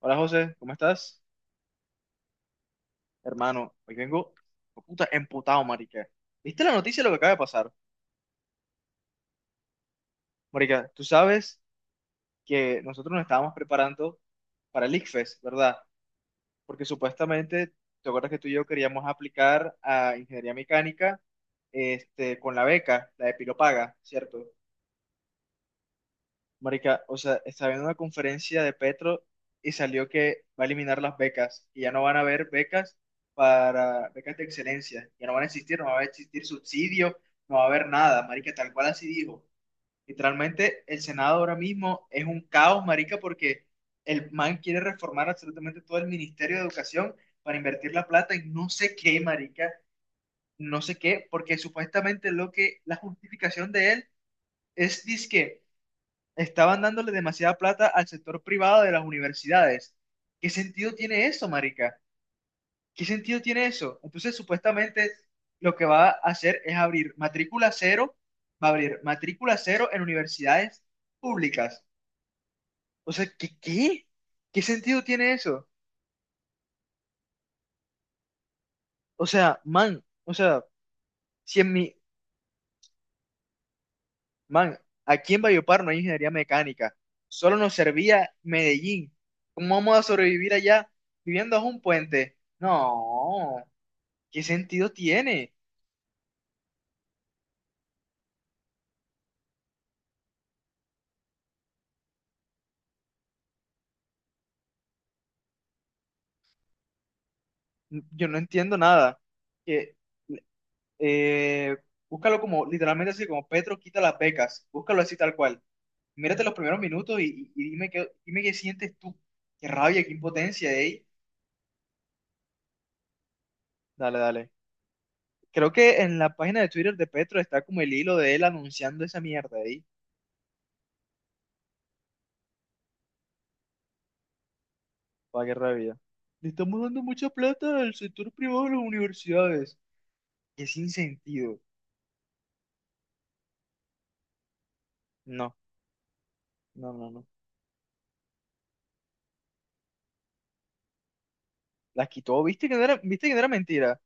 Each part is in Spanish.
Hola José, ¿cómo estás? Hermano, hoy vengo oh, puta emputado, marica. ¿Viste la noticia de lo que acaba de pasar? Marica, tú sabes que nosotros nos estábamos preparando para el ICFES, ¿verdad? Porque supuestamente, ¿te acuerdas que tú y yo queríamos aplicar a ingeniería mecánica con la beca, la de Pilopaga, ¿cierto? Marica, o sea, estaba viendo una conferencia de Petro y salió que va a eliminar las becas y ya no van a haber becas para becas de excelencia, ya no van a existir, no va a existir subsidio, no va a haber nada, marica, tal cual así dijo. Literalmente el Senado ahora mismo es un caos, marica, porque el man quiere reformar absolutamente todo el Ministerio de Educación para invertir la plata en no sé qué, marica, no sé qué, porque supuestamente lo que la justificación de él es dizque estaban dándole demasiada plata al sector privado de las universidades. ¿Qué sentido tiene eso, marica? ¿Qué sentido tiene eso? Entonces, supuestamente, lo que va a hacer es abrir matrícula cero, va a abrir matrícula cero en universidades públicas. O sea, ¿qué, qué? ¿Qué sentido tiene eso? O sea, man, o sea, si en mi, man, aquí en Valledupar no hay ingeniería mecánica, solo nos servía Medellín. ¿Cómo vamos a sobrevivir allá viviendo bajo un puente? No, ¿qué sentido tiene? Yo no entiendo nada. Que, eh, búscalo como, literalmente así, como Petro quita las becas. Búscalo así tal cual. Mírate los primeros minutos y dime qué sientes tú. Qué rabia, qué impotencia, ey. Dale, dale. Creo que en la página de Twitter de Petro está como el hilo de él anunciando esa mierda, ey. Para qué rabia. Le estamos dando mucha plata al sector privado de las universidades. Qué sin sentido. No, no, no, no. Las quitó, ¿viste que no era, viste que no era mentira?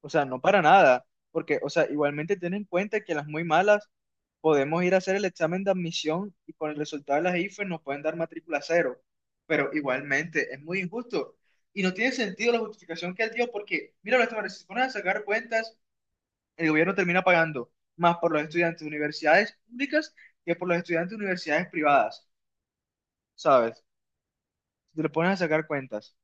O sea, no para nada, porque, o sea, igualmente ten en cuenta que las muy malas podemos ir a hacer el examen de admisión y con el resultado de las IFES nos pueden dar matrícula cero, pero igualmente es muy injusto y no tiene sentido la justificación que él dio porque, mira, Lázaro, si se ponen a sacar cuentas, el gobierno termina pagando más por los estudiantes de universidades públicas que por los estudiantes de universidades privadas, ¿sabes? Si te le pones a sacar cuentas.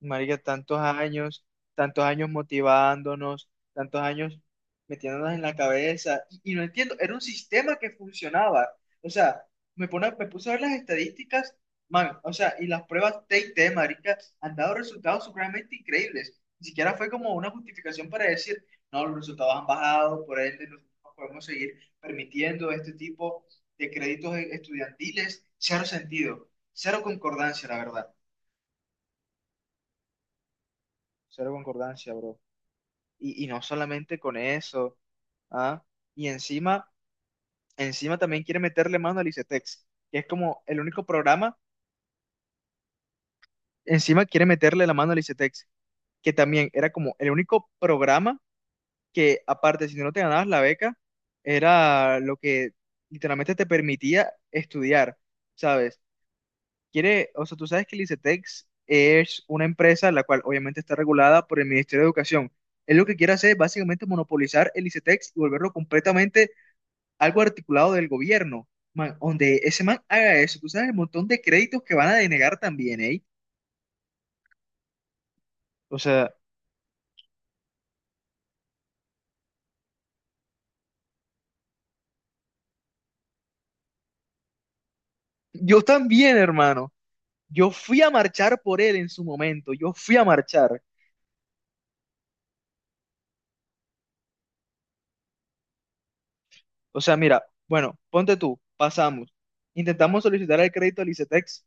Marica, tantos años motivándonos, tantos años metiéndonos en la cabeza, y no entiendo, era un sistema que funcionaba. O sea, me puse a ver las estadísticas, man, o sea, y las pruebas T&T, marica, han dado resultados supremamente increíbles. Ni siquiera fue como una justificación para decir, no, los resultados han bajado, por ende, nosotros no podemos seguir permitiendo este tipo de créditos estudiantiles. Cero sentido, cero concordancia, la verdad. Cero concordancia, bro. Y no solamente con eso, ¿ah? Y encima, también quiere meterle mano al ICETEX, que es como el único programa, encima quiere meterle la mano al ICETEX, que también era como el único programa que aparte, si no te ganabas la beca, era lo que literalmente te permitía estudiar, ¿sabes? Quiere, o sea, tú sabes que el ICETEX es una empresa la cual obviamente está regulada por el Ministerio de Educación. Él lo que quiere hacer es básicamente monopolizar el ICETEX y volverlo completamente algo articulado del gobierno, man, donde ese man haga eso. Tú sabes el montón de créditos que van a denegar también, ¿eh? O sea, yo también, hermano. Yo fui a marchar por él en su momento. Yo fui a marchar. O sea, mira, bueno, ponte tú, pasamos. Intentamos solicitar el crédito al ICETEX.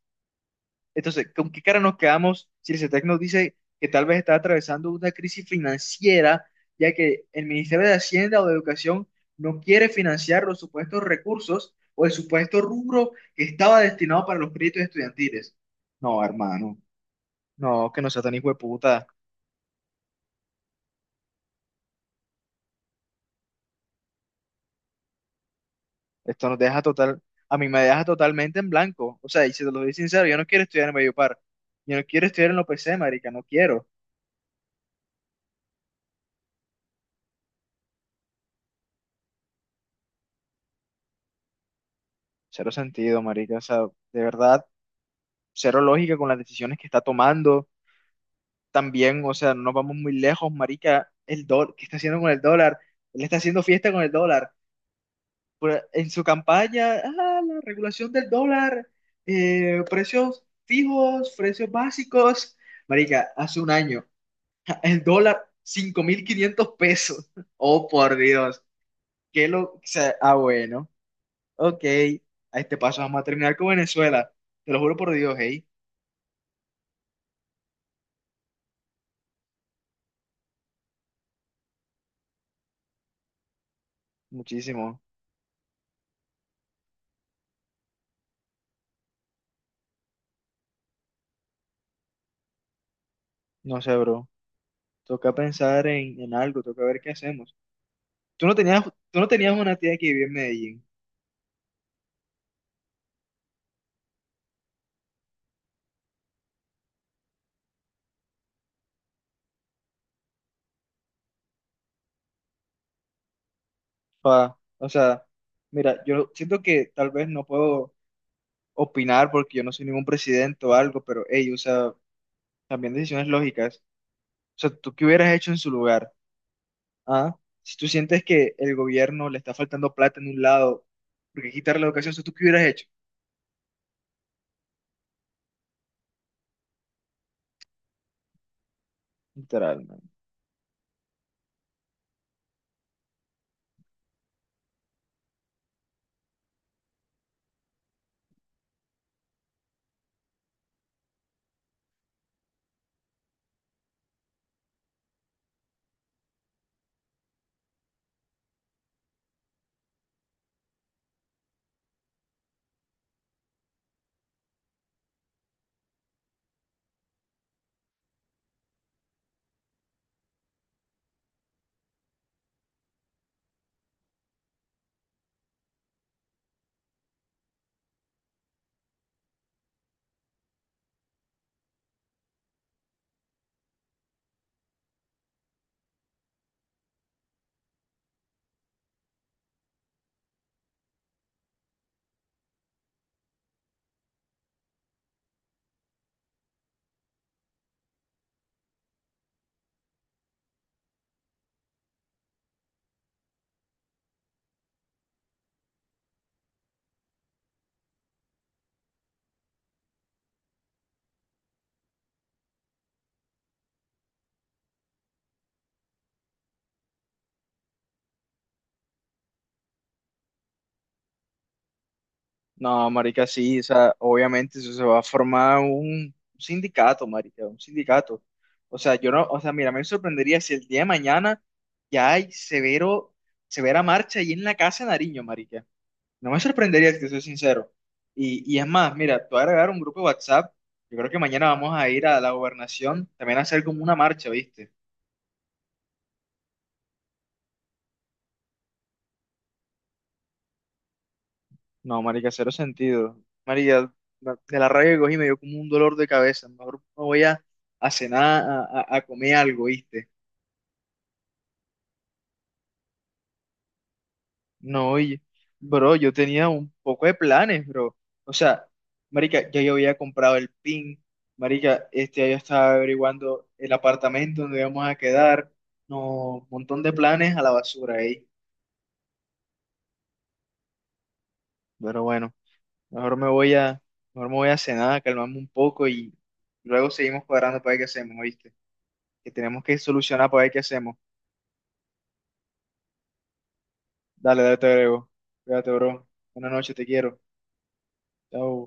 Entonces, ¿con qué cara nos quedamos si el CETEC nos dice que tal vez está atravesando una crisis financiera, ya que el Ministerio de Hacienda o de Educación no quiere financiar los supuestos recursos o el supuesto rubro que estaba destinado para los créditos estudiantiles? No, hermano, no, que no sea tan hijo de puta. Esto nos deja total, a mí me deja totalmente en blanco. O sea, y si te lo doy sincero, yo no quiero estudiar en Mediopar. Yo no quiero estudiar en la OPC, marica, no quiero. Cero sentido, marica. O sea, de verdad, cero lógica con las decisiones que está tomando. También, o sea, no nos vamos muy lejos, marica, el dólar, ¿qué está haciendo con el dólar? Él está haciendo fiesta con el dólar. En su campaña, la regulación del dólar, precios fijos, precios básicos. Marica, hace un año, el dólar, 5.500 pesos. Oh, por Dios. Qué lo. O sea, bueno. Ok. A este paso vamos a terminar con Venezuela. Te lo juro por Dios, hey. Muchísimo. No sé, bro. Toca pensar en algo, toca ver qué hacemos. Tú no tenías, tú no tenías una tía que vivía en Medellín. Pa, o sea, mira, yo siento que tal vez no puedo opinar porque yo no soy ningún presidente o algo, pero ey, o sea, también decisiones lógicas. O sea, ¿tú qué hubieras hecho en su lugar? ¿Ah? Si tú sientes que el gobierno le está faltando plata en un lado, porque quitarle la educación, o sea, ¿tú qué hubieras hecho? Literalmente. No, marica, sí, o sea, obviamente eso se va a formar un sindicato, marica, un sindicato. O sea, yo no, o sea, mira, me sorprendería si el día de mañana ya hay severa marcha ahí en la casa de Nariño, marica. No me sorprendería, si te soy sincero. Y es más, mira, te voy a agregar un grupo de WhatsApp. Yo creo que mañana vamos a ir a la gobernación también a hacer como una marcha, ¿viste? No, marica, cero sentido. Marica, de la rabia que cogí me dio como un dolor de cabeza. Mejor me voy a cenar, a comer algo, ¿viste? No, oye, bro, yo tenía un poco de planes, bro. O sea, marica, ya yo había comprado el pin. Marica, este, ya yo estaba averiguando el apartamento donde íbamos a quedar. No, montón de planes a la basura ahí. Pero bueno, mejor me voy a, mejor me voy a cenar, a calmarme un poco y luego seguimos cuadrando para ver qué hacemos, ¿viste? Que tenemos que solucionar para ver qué hacemos. Dale, dale, te agrego. Cuídate, bro. Buenas noches, te quiero. Chao.